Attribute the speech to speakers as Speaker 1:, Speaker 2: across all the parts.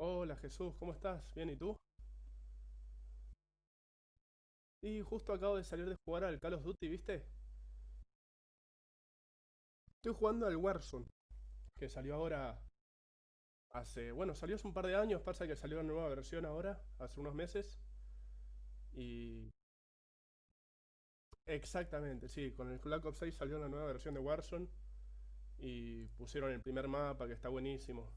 Speaker 1: Hola Jesús, ¿cómo estás? Bien, ¿y tú? Y justo acabo de salir de jugar al Call of Duty, ¿viste? Estoy jugando al Warzone, que salió ahora hace, bueno, salió hace un par de años. Pasa que salió una nueva versión ahora, hace unos meses. Y exactamente, sí, con el Black Ops 6 salió una nueva versión de Warzone y pusieron el primer mapa que está buenísimo.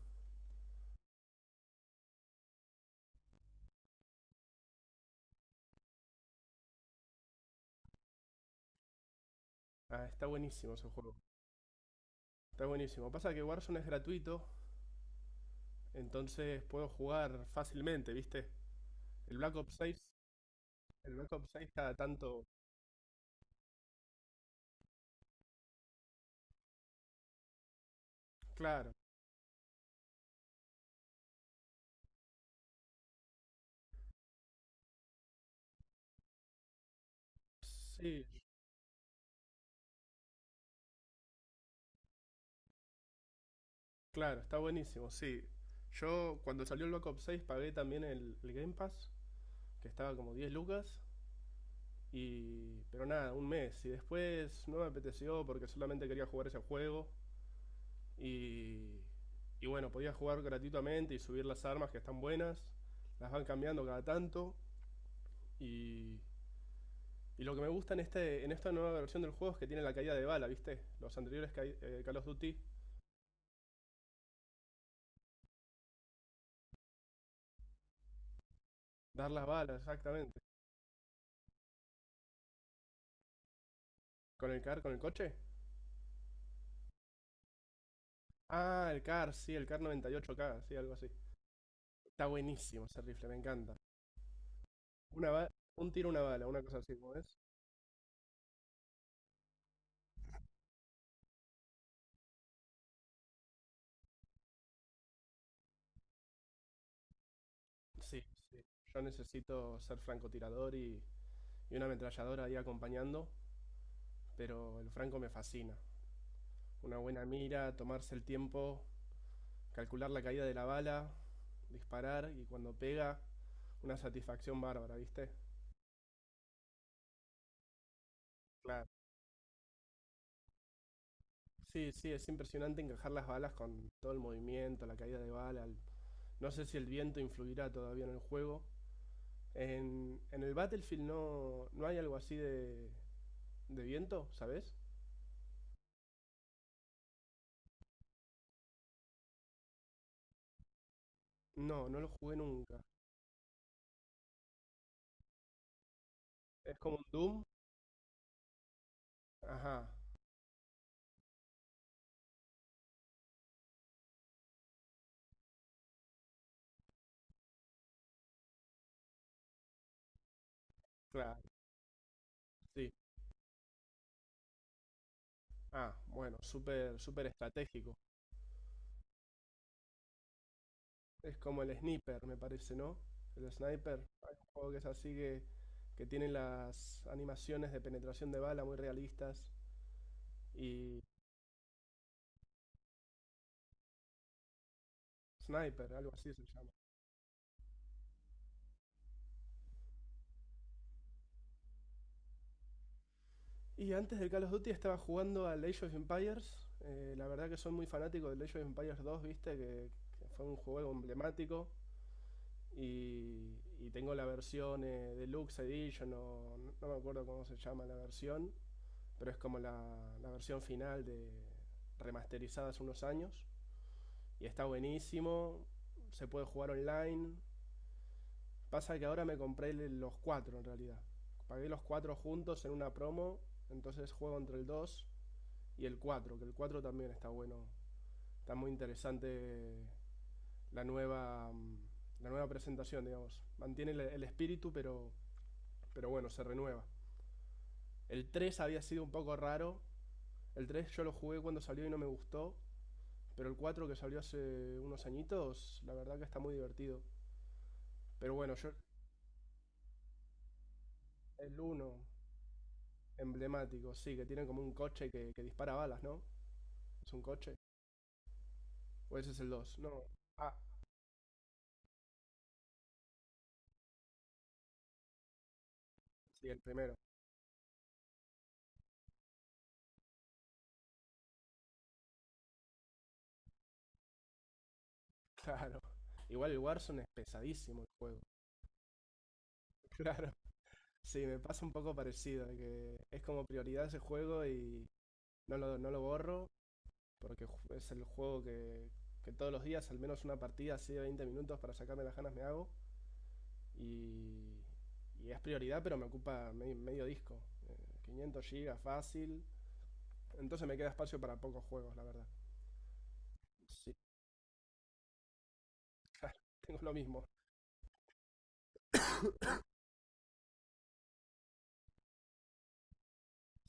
Speaker 1: Ah, está buenísimo ese juego. Está buenísimo. Pasa que Warzone es gratuito, entonces puedo jugar fácilmente, ¿viste? El Black Ops 6, el Black Ops 6 cada tanto, claro. Sí, claro, está buenísimo, sí. Yo cuando salió el Black Ops 6 pagué también el Game Pass, que estaba como 10 lucas, y pero nada, un mes. Y después no me apeteció porque solamente quería jugar ese juego. Y, y bueno, podía jugar gratuitamente y subir las armas que están buenas, las van cambiando cada tanto. Y, y lo que me gusta en esta nueva versión del juego es que tiene la caída de bala, ¿viste? Los anteriores Call of Duty, dar las balas, exactamente. Con el car, con el coche. Ah, el CAR, sí, el CAR 98K, sí, algo así. Está buenísimo ese rifle, me encanta. Una ba- un tiro, una bala, una cosa así como es. Sí, sí. Yo necesito ser francotirador y una ametralladora ahí acompañando, pero el franco me fascina. Una buena mira, tomarse el tiempo, calcular la caída de la bala, disparar y cuando pega, una satisfacción bárbara, ¿viste? Claro. Sí, sí, es impresionante encajar las balas con todo el movimiento, la caída de bala. No sé si el viento influirá todavía en el juego. En el Battlefield no, no hay algo así de viento, ¿sabes? No, no lo jugué nunca. Es como un Doom. Ajá, claro, sí. Ah, bueno, súper, súper estratégico. Es como el Sniper, me parece, ¿no? El Sniper. Hay un juego que es así que tiene las animaciones de penetración de bala muy realistas. Y Sniper, algo así se llama. Y antes del Call of Duty estaba jugando al Age of Empires. La verdad que soy muy fanático del Age of Empires 2, viste, que fue un juego emblemático. Y tengo la versión Deluxe Edition, o no, no me acuerdo cómo se llama la versión, pero es como la versión final de remasterizada hace unos años. Y está buenísimo, se puede jugar online. Pasa que ahora me compré los cuatro en realidad. Pagué los cuatro juntos en una promo, entonces juego entre el dos y el cuatro, que el 4 también está bueno. Está muy interesante la nueva, mm, la nueva presentación, digamos. Mantiene el espíritu, pero bueno, se renueva. El 3 había sido un poco raro. El tres yo lo jugué cuando salió y no me gustó. Pero el 4 que salió hace unos añitos, la verdad que está muy divertido. Pero bueno, yo el uno emblemático, sí, que tiene como un coche que dispara balas, ¿no? Es un coche. O ese es el dos. No. Ah, sí, el primero. Claro. Igual el Warzone es pesadísimo el juego. Claro, sí, me pasa un poco parecido, que es como prioridad ese juego y no lo borro, porque es el juego que todos los días, al menos una partida así de 20 minutos para sacarme las ganas me hago, y, y es prioridad, pero me ocupa medio disco, 500 gigas fácil, entonces me queda espacio para pocos juegos, la verdad. Sí, claro, tengo lo mismo,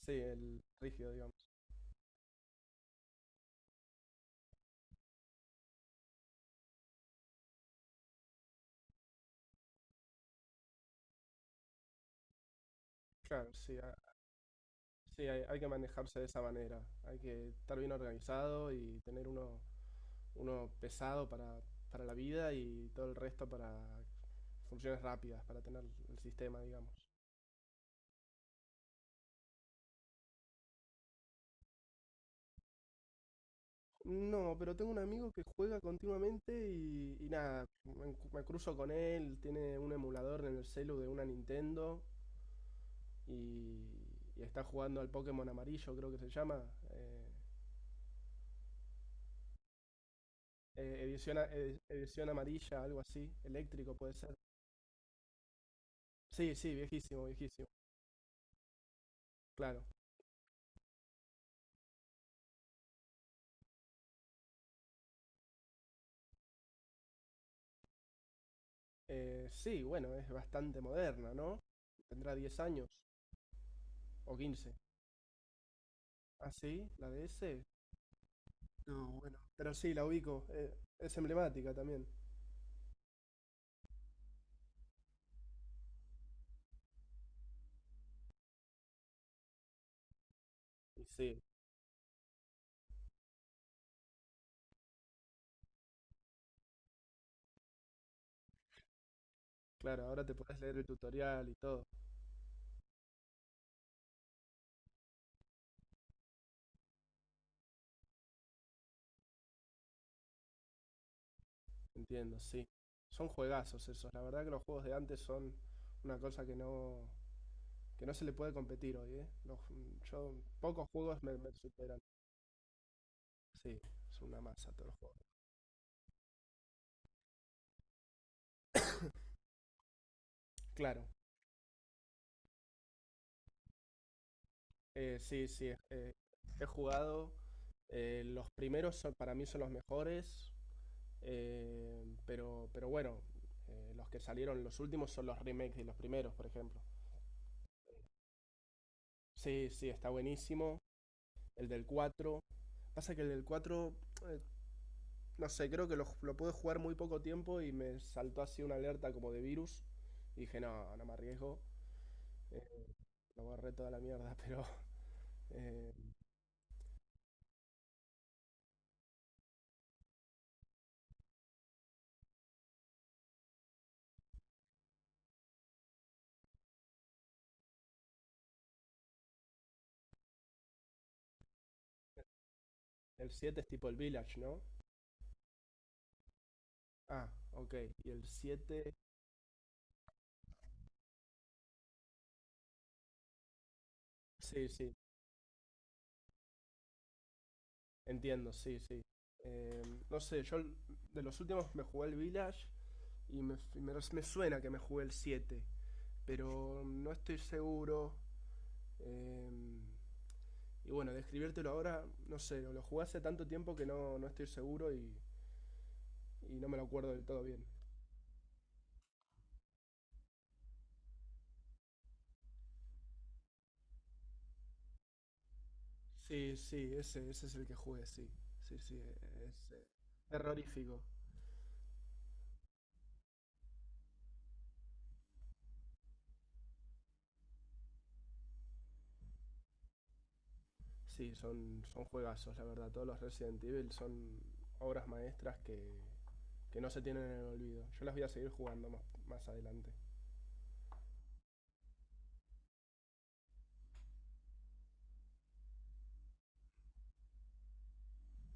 Speaker 1: sí, el rígido, digamos. Claro, sí, sí, hay que manejarse de esa manera, hay que estar bien organizado y tener uno pesado para la vida y todo el resto para funciones rápidas, para tener el sistema, digamos. No, pero tengo un amigo que juega continuamente y nada, me cruzo con él, tiene un emulador en el celu de una Nintendo y, y está jugando al Pokémon amarillo, creo que se llama. eh, edición amarilla, algo así, eléctrico puede ser. Sí, sí, viejísimo, viejísimo, claro. Sí, bueno, es bastante moderna, ¿no? Tendrá 10 años, o 15. ¿Ah, sí? ¿La de ese? No, bueno. Pero sí, la ubico. Es emblemática también. Y sí, claro, ahora te podés leer el tutorial y todo. Entiendo, sí. Son juegazos esos. La verdad que los juegos de antes son una cosa que no se le puede competir hoy, ¿eh? Yo, Pocos juegos me superan. Sí, es una masa todos los juegos. Claro, sí, sí. He jugado. Los primeros para mí son los mejores. Pero bueno, los que salieron los últimos son los remakes de los primeros, por ejemplo. Sí, sí, está buenísimo. El del 4 Pasa que el del cuatro, eh, no sé, creo que lo pude jugar muy poco tiempo y me saltó así una alerta como de virus. Y dije, no, no me arriesgo. eh, lo borré toda la mierda. Pero eh, el 7 es tipo el Village, ¿no? Ah, ok. Y el siete, sí, sí, entiendo, sí, sí. Eh, no sé, yo de los últimos me jugué el Village y me suena que me jugué el 7 pero no estoy seguro. Eh, y bueno, describírtelo ahora, no sé, lo jugué hace tanto tiempo que no estoy seguro y no me lo acuerdo del todo bien. Sí, sí, ese es el que jugué, sí. Sí, sí, es terrorífico. Sí, son juegazos, la verdad. Todos los Resident Evil son obras maestras que no se tienen en el olvido. Yo las voy a seguir jugando más adelante.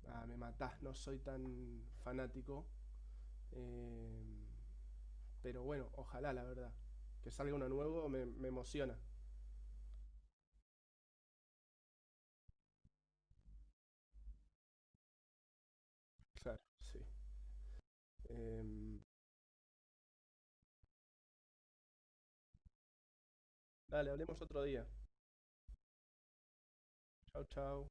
Speaker 1: Ah, me matás, no soy tan fanático, Eh, pero bueno, ojalá, la verdad. Que salga uno nuevo me emociona. Claro, sí. Eh, dale, hablemos otro día. Chao, chao.